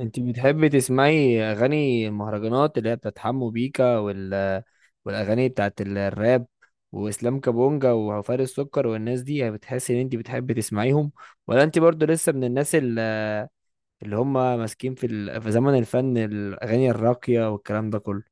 انت بتحبي تسمعي اغاني مهرجانات اللي هي بتاعت حمو بيكا والاغاني بتاعت الراب واسلام كابونجا وفارس السكر والناس دي يعني بتحسي ان انت بتحبي تسمعيهم؟ ولا انت برضو لسه من الناس اللي هم ماسكين في زمن الفن الاغاني الراقية والكلام ده كله؟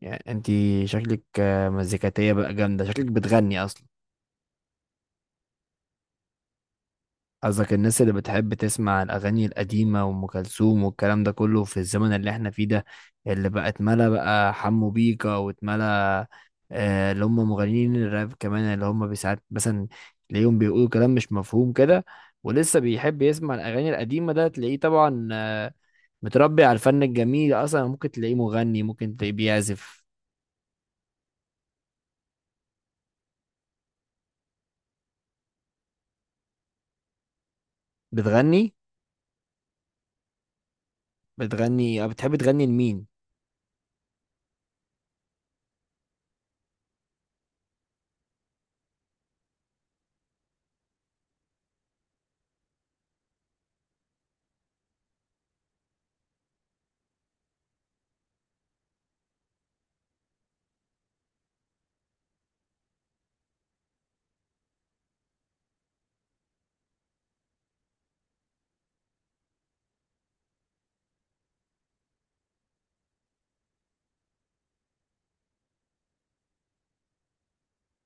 يعني انت شكلك مزيكاتية بقى جامدة، شكلك بتغني اصلا. قصدك الناس اللي بتحب تسمع الأغاني القديمة وأم كلثوم والكلام ده كله في الزمن اللي احنا فيه ده، اللي بقى اتملى بقى حمو بيكا واتملى آه، اللي هم مغنيين الراب، كمان اللي هم ساعات مثلا تلاقيهم بيقولوا كلام مش مفهوم كده، ولسه بيحب يسمع الأغاني القديمة، ده تلاقيه طبعا آه، متربي على الفن الجميل أصلا، ممكن تلاقيه مغني ممكن تلاقيه بيعزف بتغني. بتغني أو بتحب تغني لمين؟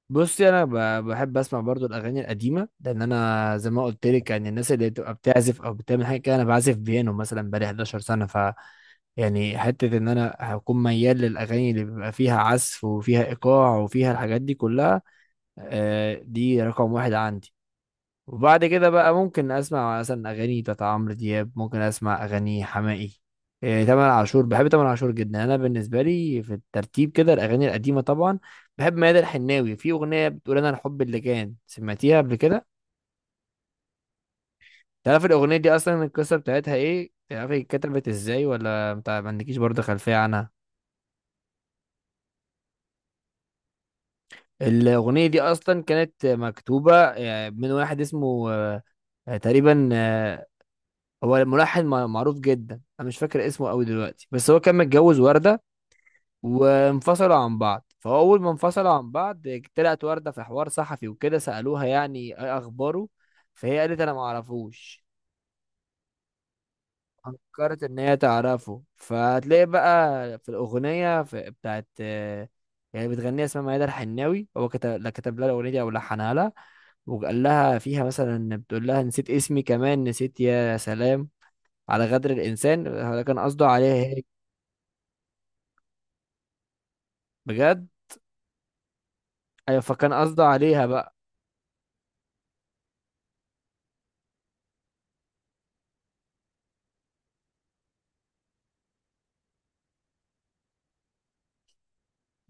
بصي انا بحب اسمع برضو الاغاني القديمه، لان انا زي ما قلت لك يعني الناس اللي بتبقى بتعزف او بتعمل حاجه كده، انا بعزف بيانو مثلا بقالي 11 سنه، ف يعني حته ان انا هكون ميال للاغاني اللي بيبقى فيها عزف وفيها ايقاع وفيها الحاجات دي كلها. دي رقم واحد عندي، وبعد كده بقى ممكن اسمع مثلا اغاني بتاعت عمرو دياب، ممكن اسمع اغاني حماقي، تامر عاشور، بحب تامر عاشور جدا. انا بالنسبه لي في الترتيب كده الاغاني القديمه طبعا، بحب ميادة الحناوي في اغنيه بتقول انا الحب اللي كان، سمعتيها قبل كده؟ تعرف الاغنيه دي اصلا القصه بتاعتها ايه، تعرف هي اتكتبت ازاي ولا انت ما عندكيش برضه خلفيه عنها؟ الاغنيه دي اصلا كانت مكتوبه من واحد اسمه تقريبا، هو ملحن معروف جدا، انا مش فاكر اسمه قوي دلوقتي، بس هو كان متجوز وردة وانفصلوا عن بعض، فهو اول ما انفصلوا عن بعض طلعت وردة في حوار صحفي وكده سألوها يعني ايه اخباره، فهي قالت انا ما اعرفوش. فكرت ان هي تعرفه، فهتلاقي بقى في الاغنية في بتاعت يعني بتغنيها اسمها ميادة الحناوي، هو كتب لا كتب لها الاغنية دي او لحنها لها، وقال لها فيها مثلا بتقول لها نسيت اسمي كمان نسيت يا سلام على غدر الانسان، ده كان قصده عليها هي. بجد. ايوه، فكان قصده عليها بقى.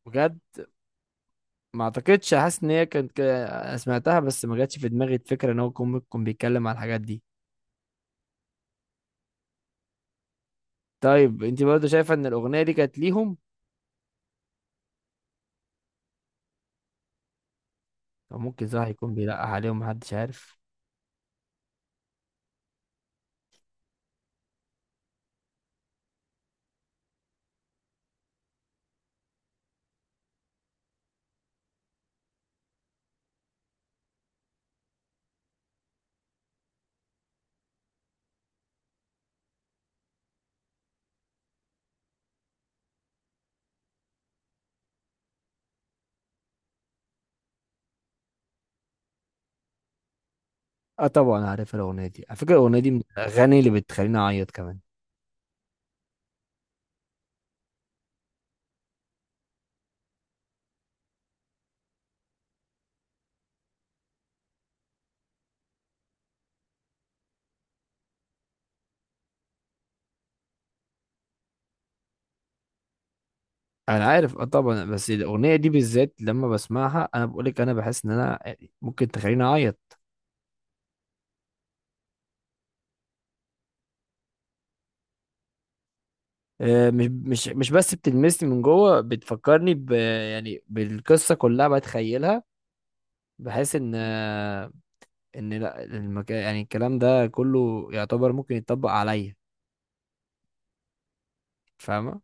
بجد، ما اعتقدش حاسس ان هي كانت أنا سمعتها بس ما جاتش في دماغي الفكره ان هو كون ممكن بيتكلم على الحاجات دي. طيب انت برضه شايفه ان الاغنيه دي كانت ليهم؟ او ممكن صح يكون بيلقح عليهم، محدش عارف. اه طبعا عارف الاغنيه دي، على فكره الاغنيه دي من الاغاني اللي بتخليني اعيط كمان. انا عارف، اه طبعا، بس الاغنيه دي بالذات لما بسمعها انا بقولك انا بحس ان انا ممكن تخليني اعيط. مش بس بتلمسني من جوه، بتفكرني ب يعني بالقصه كلها، بتخيلها بحيث ان ان لا المكان يعني الكلام ده كله يعتبر ممكن يتطبق عليا، فاهمه؟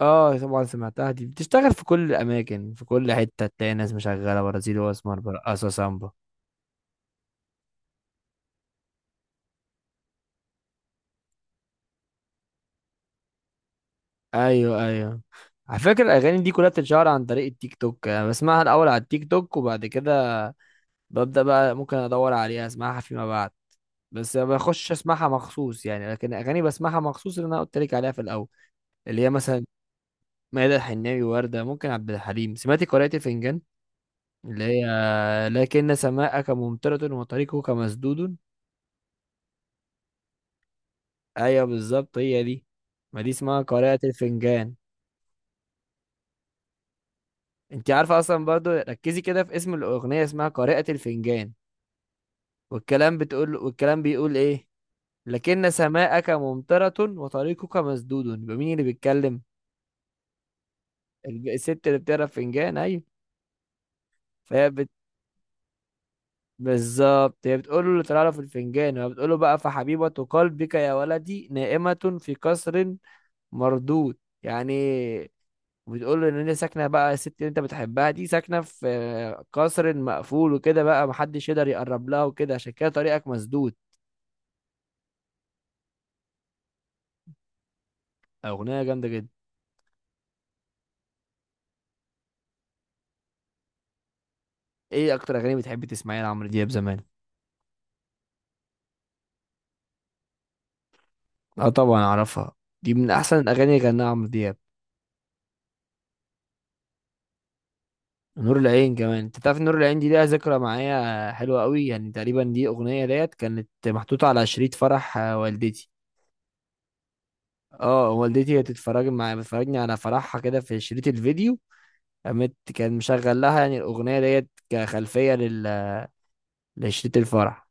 اه طبعا سمعتها، دي بتشتغل في كل الاماكن في كل حته تلاقي ناس مشغله برازيلي واسمر، برقصه سامبا. ايوه ايوه، على فكره الاغاني دي كلها بتتشهر عن طريق التيك توك، انا بسمعها الاول على التيك توك وبعد كده ببدا بقى ممكن ادور عليها اسمعها فيما بعد، بس ما بخش اسمعها مخصوص يعني. لكن اغاني بسمعها مخصوص اللي انا قلت لك عليها في الاول، اللي هي مثلا ميادة الحناوي، وردة، ممكن عبد الحليم. سمعتي قارئة الفنجان اللي هي لكن سماءك ممطرة وطريقك مسدود؟ ايوه بالظبط هي دي، ما دي اسمها قارئة الفنجان. انت عارفة اصلا، برضو ركزي كده في اسم الاغنية، اسمها قارئة الفنجان، والكلام بتقول والكلام بيقول ايه، لكن سماءك ممطرة وطريقك مسدود، يبقى مين اللي بيتكلم؟ الست اللي بتقرا فنجان، ايوه. فهي بت... بالظبط هي بتقول له اللي طلع له في الفنجان، وهي بتقول له بقى فحبيبة قلبك يا ولدي نائمة في قصر مردود، يعني بتقول له ان هي ساكنة بقى الست اللي انت بتحبها دي ساكنة في قصر مقفول وكده، بقى محدش يقدر يقرب لها وكده، عشان كده طريقك مسدود. اغنية جامدة جدا. ايه اكتر اغاني بتحب تسمعيها لعمرو دياب زمان؟ اه طبعا اعرفها، دي من احسن الاغاني اللي غناها عمرو دياب. نور العين كمان، انت تعرف إن نور العين دي ليها ذكرى معايا حلوة قوي؟ يعني تقريبا دي اغنية ديت كانت محطوطة على شريط فرح والدتي. اه والدتي هي تتفرج معايا، بتفرجني على فرحها كده في شريط الفيديو. قامت كان مشغل لها يعني الاغنية ديت كخلفية لل لشريط الفرح.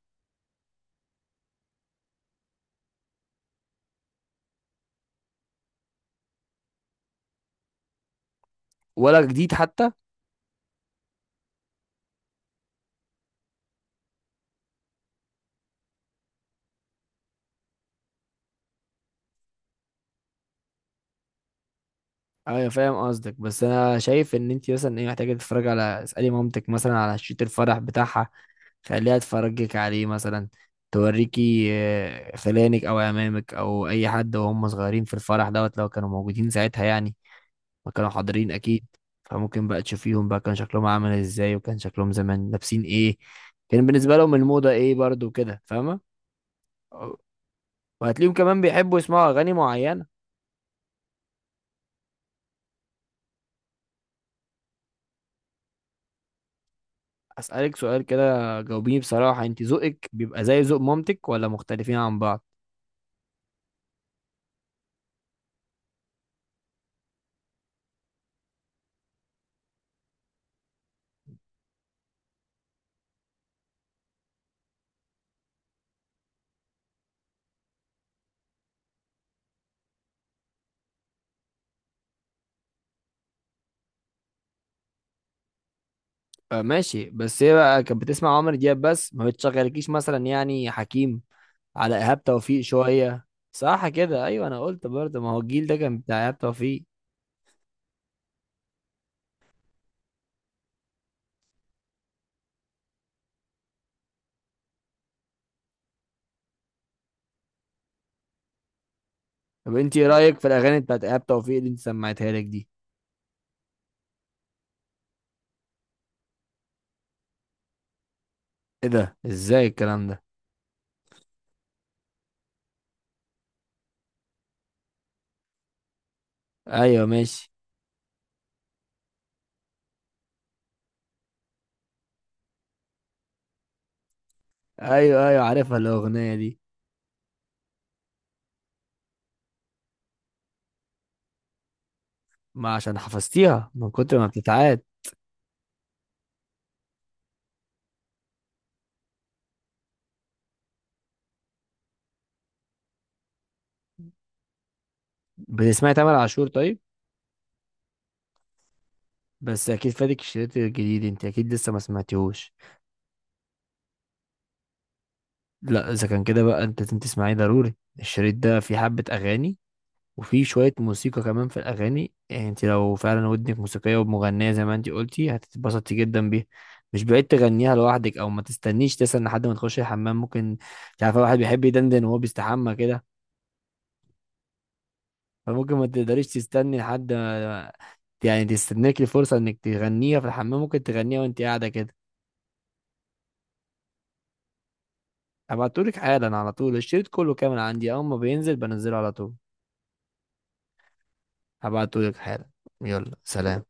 ولا جديد حتى؟ ايوه فاهم قصدك، بس انا شايف ان انت مثلا ايه محتاجة تتفرج على، اسألي مامتك مثلا على شريط الفرح بتاعها، خليها تفرجك عليه مثلا، توريكي خلانك او امامك او اي حد وهم صغيرين في الفرح دوت لو كانوا موجودين ساعتها يعني، ما كانوا حاضرين اكيد. فممكن بقى تشوفيهم بقى كان شكلهم عامل ازاي، وكان شكلهم زمان لابسين ايه، كان بالنسبة لهم الموضة ايه برضو كده، فاهمة؟ وهتلاقيهم كمان بيحبوا يسمعوا اغاني معينة. اسألك سؤال كده، جاوبيني بصراحة، انت ذوقك بيبقى زي ذوق مامتك ولا مختلفين عن بعض؟ آه ماشي، بس هي بقى كانت بتسمع عمرو دياب بس، ما بتشغلكيش مثلا يعني حكيم؟ على ايهاب توفيق شويه؟ صح كده، ايوه انا قلت برضه ما هو الجيل ده كان بتاع ايهاب توفيق. طب انت ايه رايك في الاغاني بتاعت ايهاب توفيق اللي انت سمعتها لك دي؟ ايه ده، ازاي الكلام ده؟ ايوه ماشي. ايوه ايوه عارفها الاغنيه دي، ما عشان حفظتيها من كتر ما بتتعاد. بتسمعي تامر عاشور طيب؟ بس اكيد فاتك الشريط الجديد، انت اكيد لسه ما سمعتيهوش. لا اذا كان كده بقى انت لازم تسمعيه ضروري، الشريط ده فيه حبه اغاني وفي شوية موسيقى كمان في الأغاني، يعني انت لو فعلا ودنك موسيقية ومغنية زي ما انت قلتي هتتبسطي جدا بيها. مش بعيد تغنيها لوحدك، أو ما تستنيش تسأل لحد ما تخشي الحمام، ممكن مش عارفة واحد بيحب يدندن وهو بيستحمى كده، فممكن ما تقدريش تستني لحد ما- يعني تستناك الفرصة انك تغنيها في الحمام، ممكن تغنيها وانت قاعدة كده. هبعتهولك حالا على طول، الشريط كله كامل عندي أول ما بينزل بنزله على طول. هبعتهولك حالا. يلا سلام.